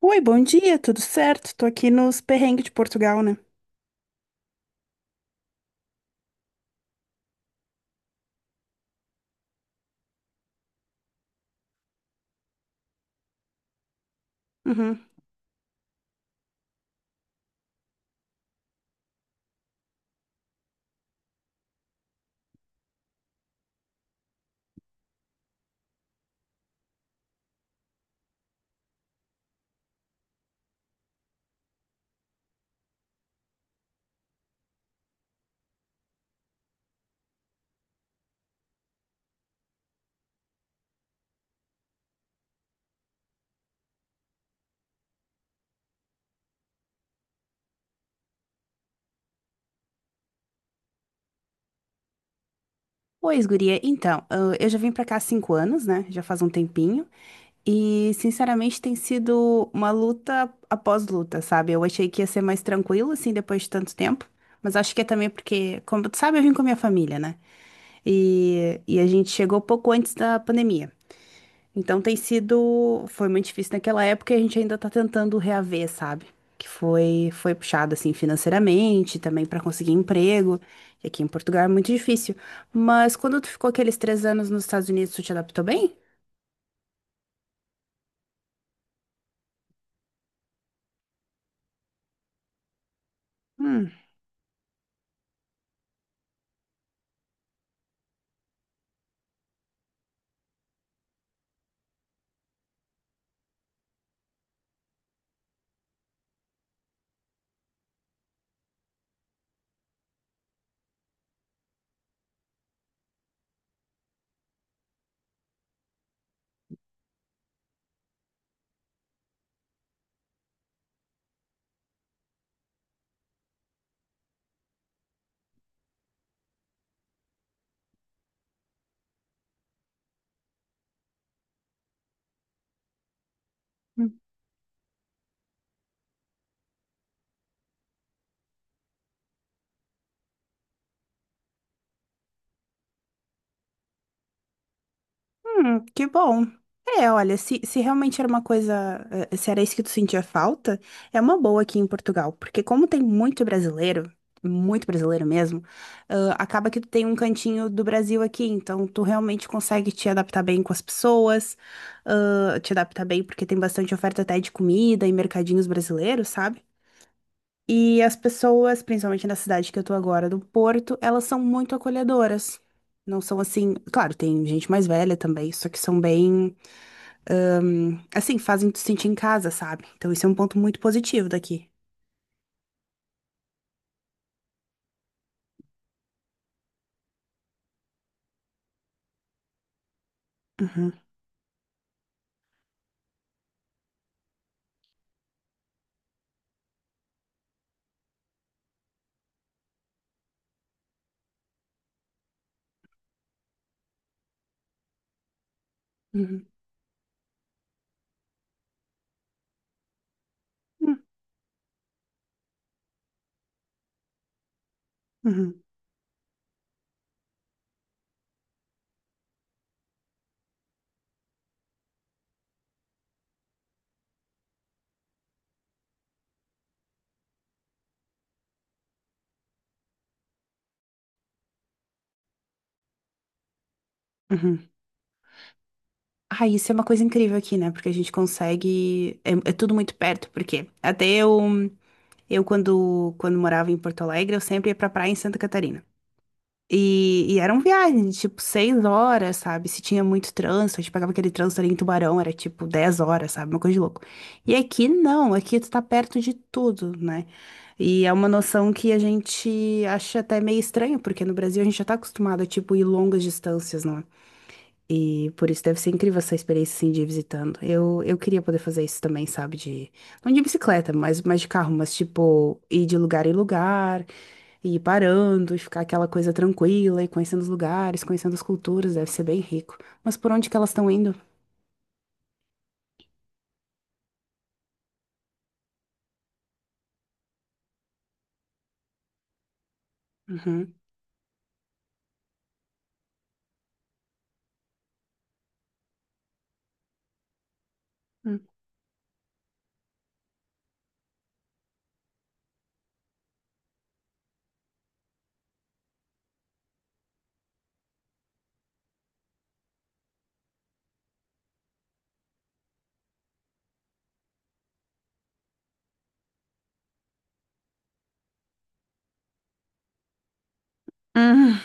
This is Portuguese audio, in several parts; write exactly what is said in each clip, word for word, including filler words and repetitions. Oi, bom dia, tudo certo? Tô aqui nos perrengues de Portugal, né? Uhum. Pois, guria, então, eu eu já vim pra cá há cinco anos, né? Já faz um tempinho. E, sinceramente, tem sido uma luta após luta, sabe? Eu achei que ia ser mais tranquilo, assim, depois de tanto tempo. Mas acho que é também porque, como tu sabe, eu vim com a minha família, né? E, e a gente chegou pouco antes da pandemia. Então tem sido, foi muito difícil naquela época e a gente ainda tá tentando reaver, sabe? Que foi, foi puxado assim financeiramente, também para conseguir emprego. E aqui em Portugal é muito difícil. Mas quando tu ficou aqueles três anos nos Estados Unidos, tu te adaptou bem? Hum. Hum, que bom. É, olha, se, se realmente era uma coisa, eh, se era isso que tu sentia falta, é uma boa aqui em Portugal, porque como tem muito brasileiro, muito brasileiro mesmo, ah, acaba que tu tem um cantinho do Brasil aqui, então tu realmente consegue te adaptar bem com as pessoas, ah, te adaptar bem porque tem bastante oferta até de comida e mercadinhos brasileiros, sabe? E as pessoas, principalmente na cidade que eu tô agora, do Porto, elas são muito acolhedoras. Não são assim, claro, tem gente mais velha também, só que são bem, assim, fazem tu sentir em casa, sabe? Então isso é um ponto muito positivo daqui. Uhum, uhum, uhum, uhum, uhum. Ah, isso é uma coisa incrível aqui, né? Porque a gente consegue, é, é tudo muito perto, porque até eu, eu quando, quando morava em Porto Alegre, eu sempre ia pra praia em Santa Catarina. E, e eram viagens, de, tipo, seis horas, sabe? Se tinha muito trânsito, a gente pegava aquele trânsito ali em Tubarão, era tipo dez horas, sabe? Uma coisa de louco. E aqui não, aqui tu tá perto de tudo, né? E é uma noção que a gente acha até meio estranho, porque no Brasil a gente já tá acostumado a, tipo, ir longas distâncias, não é? E por isso deve ser incrível essa experiência, assim, de ir visitando. Eu, eu queria poder fazer isso também, sabe? De, não de bicicleta, mas, mas de carro, mas, tipo, ir de lugar em lugar. E ir parando, e ficar aquela coisa tranquila, e conhecendo os lugares, conhecendo as culturas, deve ser bem rico. Mas por onde que elas estão indo? Uhum, uhum, uhum,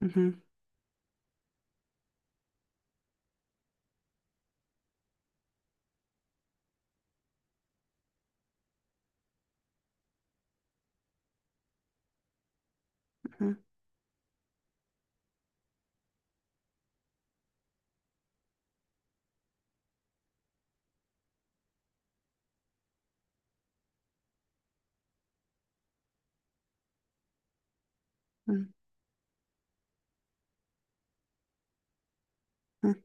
uhum, uhum, uhum.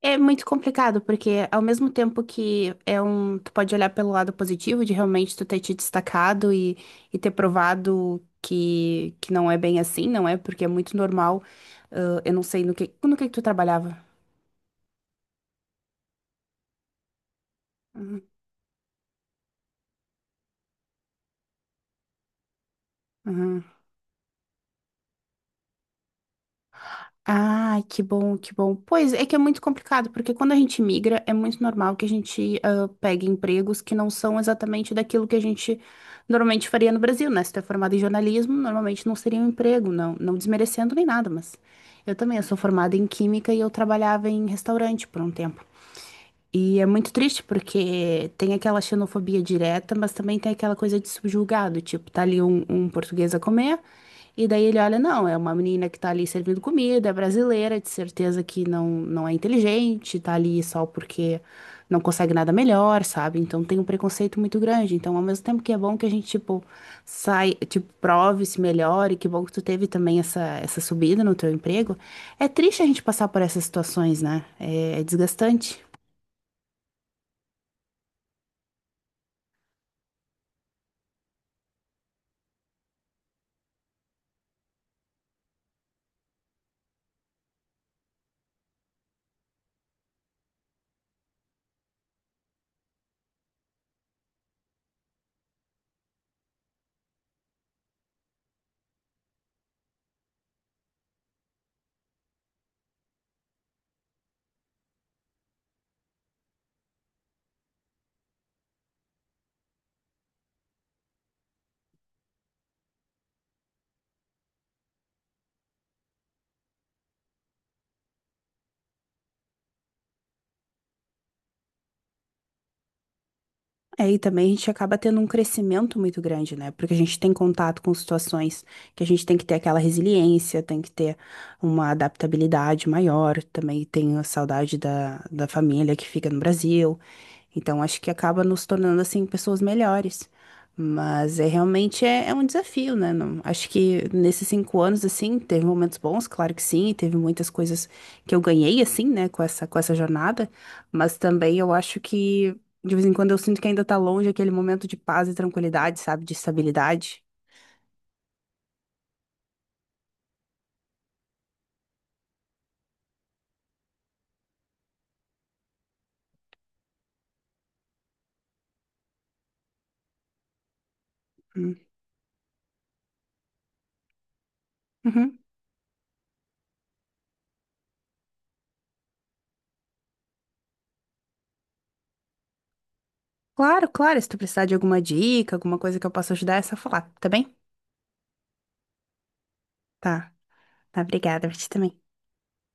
É muito complicado, porque ao mesmo tempo que é um, tu pode olhar pelo lado positivo de realmente tu ter te destacado e, e ter provado que, que não é bem assim, não é? Porque é muito normal. Ah, eu não sei no que, no que que tu trabalhava. Uhum, uhum. Ai, que bom, que bom. Pois é que é muito complicado, porque quando a gente migra, é muito normal que a gente ah, pegue empregos que não são exatamente daquilo que a gente normalmente faria no Brasil, né? Se tu é formado em jornalismo, normalmente não seria um emprego, não, não desmerecendo nem nada, mas eu também, eu sou formada em química e eu trabalhava em restaurante por um tempo. E é muito triste porque tem aquela xenofobia direta, mas também tem aquela coisa de subjugado, tipo, tá ali um, um português a comer, e daí ele olha, não, é uma menina que tá ali servindo comida, é brasileira, de certeza que não, não é inteligente, tá ali só porque não consegue nada melhor, sabe? Então tem um preconceito muito grande. Então, ao mesmo tempo que é bom que a gente, tipo, sai, tipo, prove, se melhore, que bom que tu teve também essa, essa subida no teu emprego, é triste a gente passar por essas situações, né? é é desgastante. É, e também a gente acaba tendo um crescimento muito grande, né? Porque a gente tem contato com situações que a gente tem que ter aquela resiliência, tem que ter uma adaptabilidade maior. Também tem a saudade da, da família que fica no Brasil. Então, acho que acaba nos tornando, assim, pessoas melhores. Mas é realmente é, é um desafio, né? Não- acho que nesses cinco anos, assim, teve momentos bons, claro que sim, e teve muitas coisas que eu ganhei, assim, né, com essa, com essa jornada. Mas também eu acho que. De vez em quando eu sinto que ainda tá longe aquele momento de paz e tranquilidade, sabe? De estabilidade. Hum. Uhum. Claro, claro. Se tu precisar de alguma dica, alguma coisa que eu possa ajudar, é só falar, tá bem? Tá. Tá, obrigada. Pra ti também.